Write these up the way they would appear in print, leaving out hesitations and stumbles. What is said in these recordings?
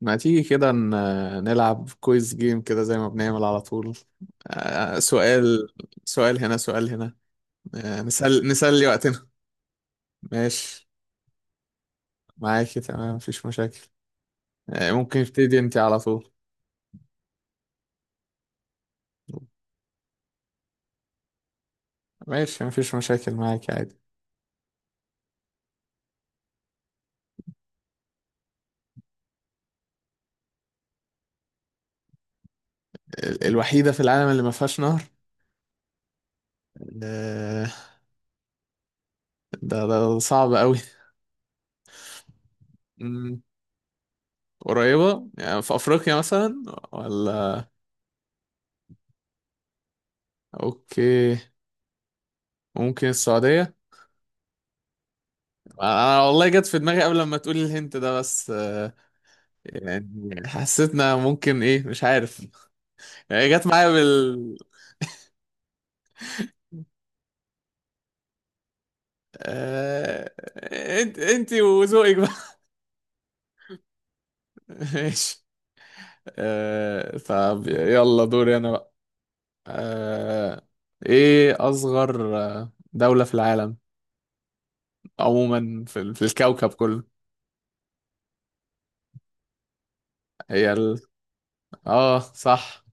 ما تيجي كده نلعب كويز جيم كده زي ما بنعمل على طول. آه، سؤال سؤال هنا، سؤال هنا. نسلي وقتنا. ماشي، معاكي تمام مفيش مشاكل. ممكن ابتدي انت على طول؟ ماشي مفيش مشاكل معاكي عادي. الوحيدة في العالم اللي ما فيهاش نهر؟ آه، ده صعب قوي. مم، قريبة يعني في أفريقيا مثلا؟ ولا؟ أوكي. ممكن السعودية؟ أنا والله جت في دماغي قبل ما تقولي الهنت ده، بس يعني حسيتنا ممكن ايه مش عارف، يعني جت معايا بال. آه... انت وذوقك بقى. ماشي. طب يلا دوري انا بقى. آه... ايه اصغر دولة في العالم، عموما في الكوكب كله؟ هي ال... اه صح.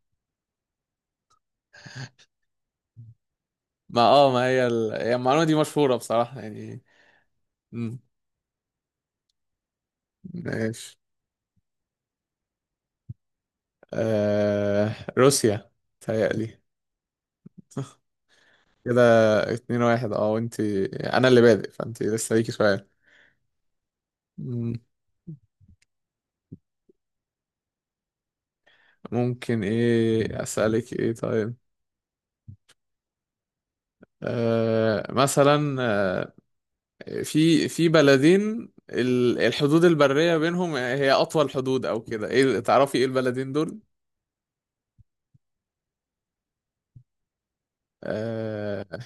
ما اه ما هي المعلومة دي مشهورة بصراحة يعني. مم، ماشي. روسيا تهيألي. كده 2-1 اه. وانت انا اللي بادئ، فانت لسه ليكي سؤال. مم، ممكن ايه اسألك ايه طيب. مثلا، في بلدين الحدود البرية بينهم هي اطول حدود او كده، ايه تعرفي ايه البلدين دول؟ آه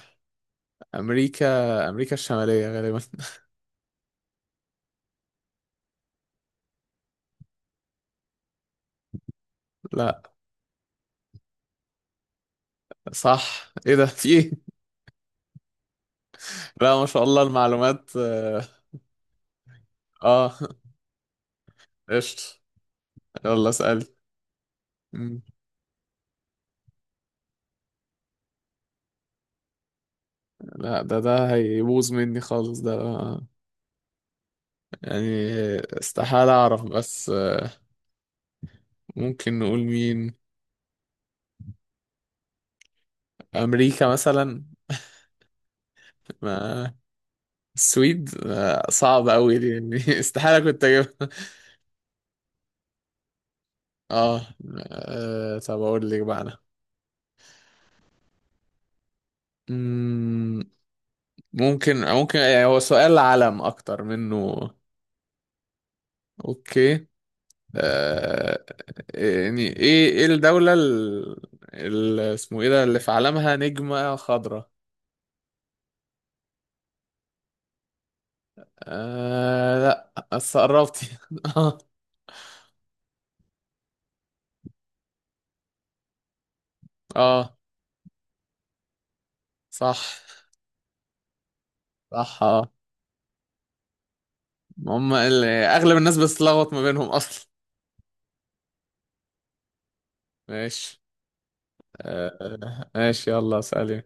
امريكا، امريكا الشمالية غالبا. لا. صح، ايه ده في ايه؟ لا ما شاء الله المعلومات اه. آه، قشطة. يلا اسألي. لا ده هيبوظ مني خالص ده، يعني استحالة أعرف. بس ممكن نقول مين؟ أمريكا مثلا؟ ما السويد صعب أوي دي، يعني استحالة كنت أجيبها. آه طب أقول لك بقى أنا. مم، ممكن يعني هو سؤال علم أكتر منه. أوكي. آه، يعني إيه الدولة اسمه إيه ده اللي في علمها نجمة خضراء؟ آه لا بس قربتي، اه. اه صح، صح اه. هم اغلب الناس بتتلخبط ما بينهم اصلا. ماشي. ماشي يلا اسألي.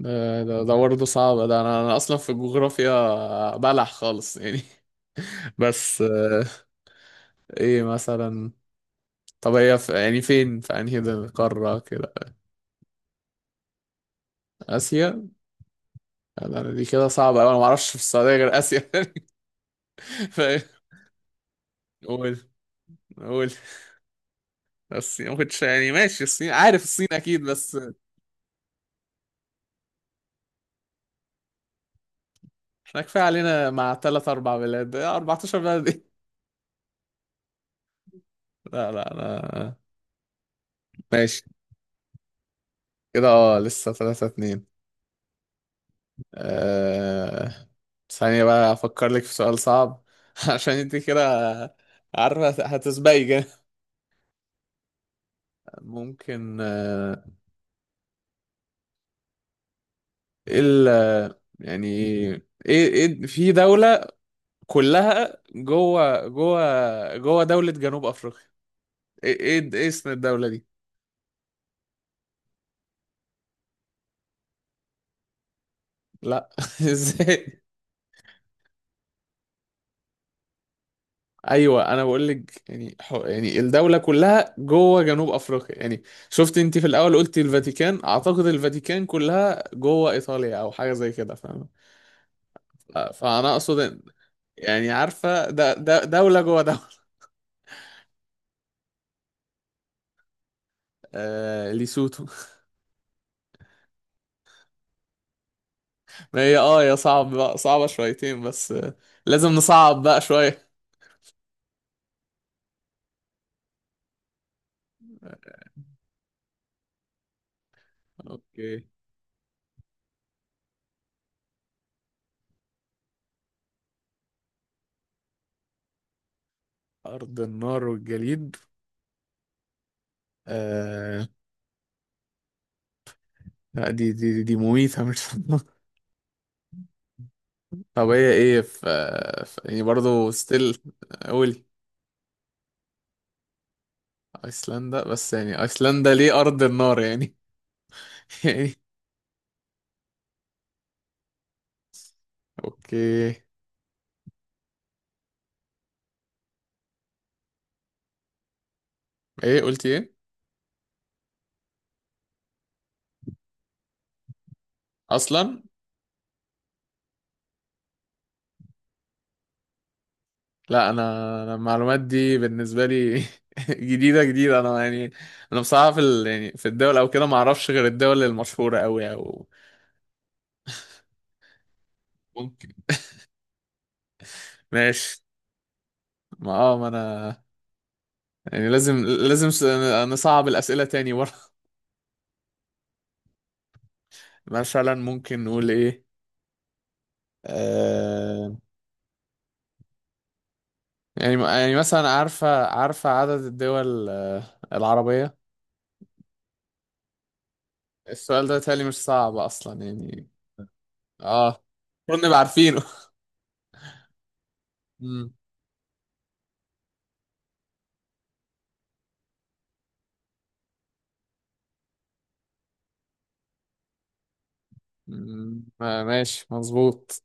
ده ده برضه صعب ده، انا اصلا في الجغرافيا بلح خالص يعني. بس ايه مثلا؟ طب هي يعني فين، في انهي ده قارة كده؟ اسيا. لا، لا، دي كده صعبة أوي، انا ما اعرفش في السعودية غير اسيا. ف- قول، قول. الصين؟ ما كنتش يعني، ماشي الصين، عارف الصين اكيد بس احنا كفايه علينا مع ثلاث اربع بلاد. 14 بلد ايه؟ لا لا انا. ماشي. كده اه لسه 3-2. أه... ثانية بقى افكر لك في سؤال صعب عشان انت كده عارفة هتسبقي جا. ممكن ايه ال يعني ايه في دولة كلها جوه دولة جنوب افريقيا، ايه ايه إيه اسم الدولة دي؟ لا، ازاي؟ ايوه انا بقول لك يعني، يعني الدوله كلها جوه جنوب افريقيا يعني. شفت انت في الاول قلت الفاتيكان، اعتقد الفاتيكان كلها جوه ايطاليا او حاجه زي كده، فاهم؟ فانا اقصد يعني عارفه ده دوله جوه دوله. ليسوتو. ما هي يا صعب بقى، صعبه شويتين بس لازم نصعب بقى شويه. اوكي. ارض النار والجليد؟ آه لا دي مميته مش. طب هي ايه في يعني برضه ستيل. قولي. ايسلندا؟ بس يعني ايسلندا ليه ارض النار يعني؟ يعني اوكي. ايه قلتي ايه؟ اصلا لا انا، أنا المعلومات دي بالنسبه لي جديده جديده انا يعني. انا بصراحه يعني في الدول او كده ما اعرفش غير الدول المشهوره قوي او ممكن. ماشي. ما اه ما انا يعني لازم نصعب الاسئله تاني ورا. مثلا ممكن نقول ايه. آه، يعني مثلا عارفة، عدد الدول العربية. السؤال ده تالي مش صعب أصلا يعني. اه، المفروض نبقى عارفينه. مم. مم. ماشي مظبوط.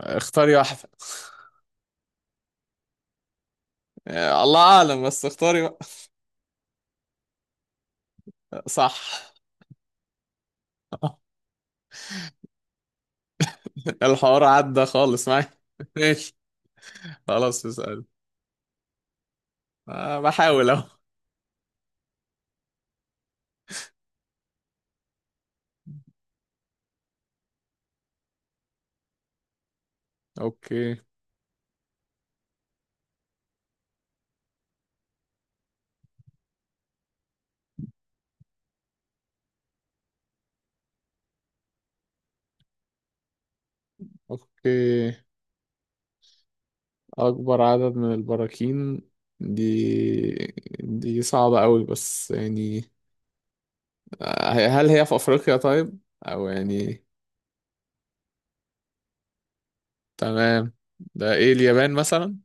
اختاري واحدة. الله أعلم بس اختاري بقى. صح. الحوار عدى خالص معايا. ماشي. خلاص اسأل. بحاول أهو. أوكي. أوكي. أكبر عدد من البراكين. دي دي صعبة أوي بس يعني. هل هي في أفريقيا طيب أو يعني؟ تمام. ده إيه، اليابان مثلا؟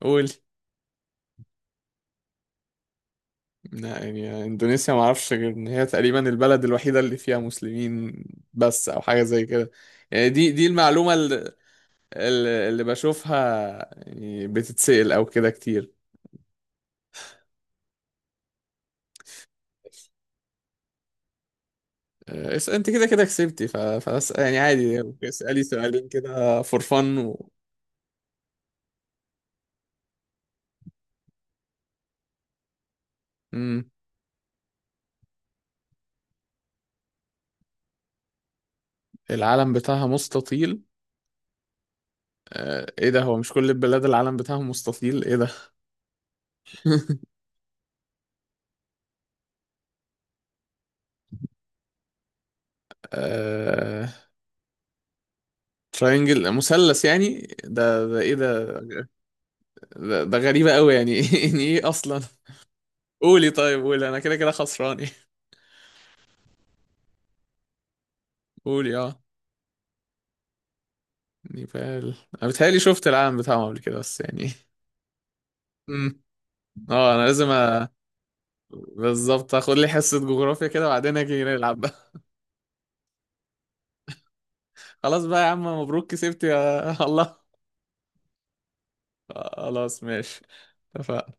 قول. لا يعني إندونيسيا ما أعرفش غير إن هي تقريبا البلد الوحيدة اللي فيها مسلمين بس، أو حاجة زي كده. يعني دي المعلومة اللي بشوفها يعني بتتسأل أو كده كتير. أنت كده كسبتي يعني عادي اسألي سؤالين كده فور فن مم. العلم بتاعها مستطيل. ايه ده، هو مش كل البلاد العلم بتاعها مستطيل ايه ده. آه... تراينجل مثلث يعني، ده ايه ده؟ ده غريبة قوي يعني، يعني ايه اصلا؟ قولي طيب، قولي انا كده كده خسران إيه؟ قولي اه. نيبال. انا بتهيألي شفت العالم بتاعهم قبل كده بس يعني. امم اه انا لازم بالظبط، اخد لي حصة جغرافيا كده وبعدين اجي نلعب. خلاص بقى يا عم، مبروك كسبت يا الله. خلاص ماشي. اتفقنا.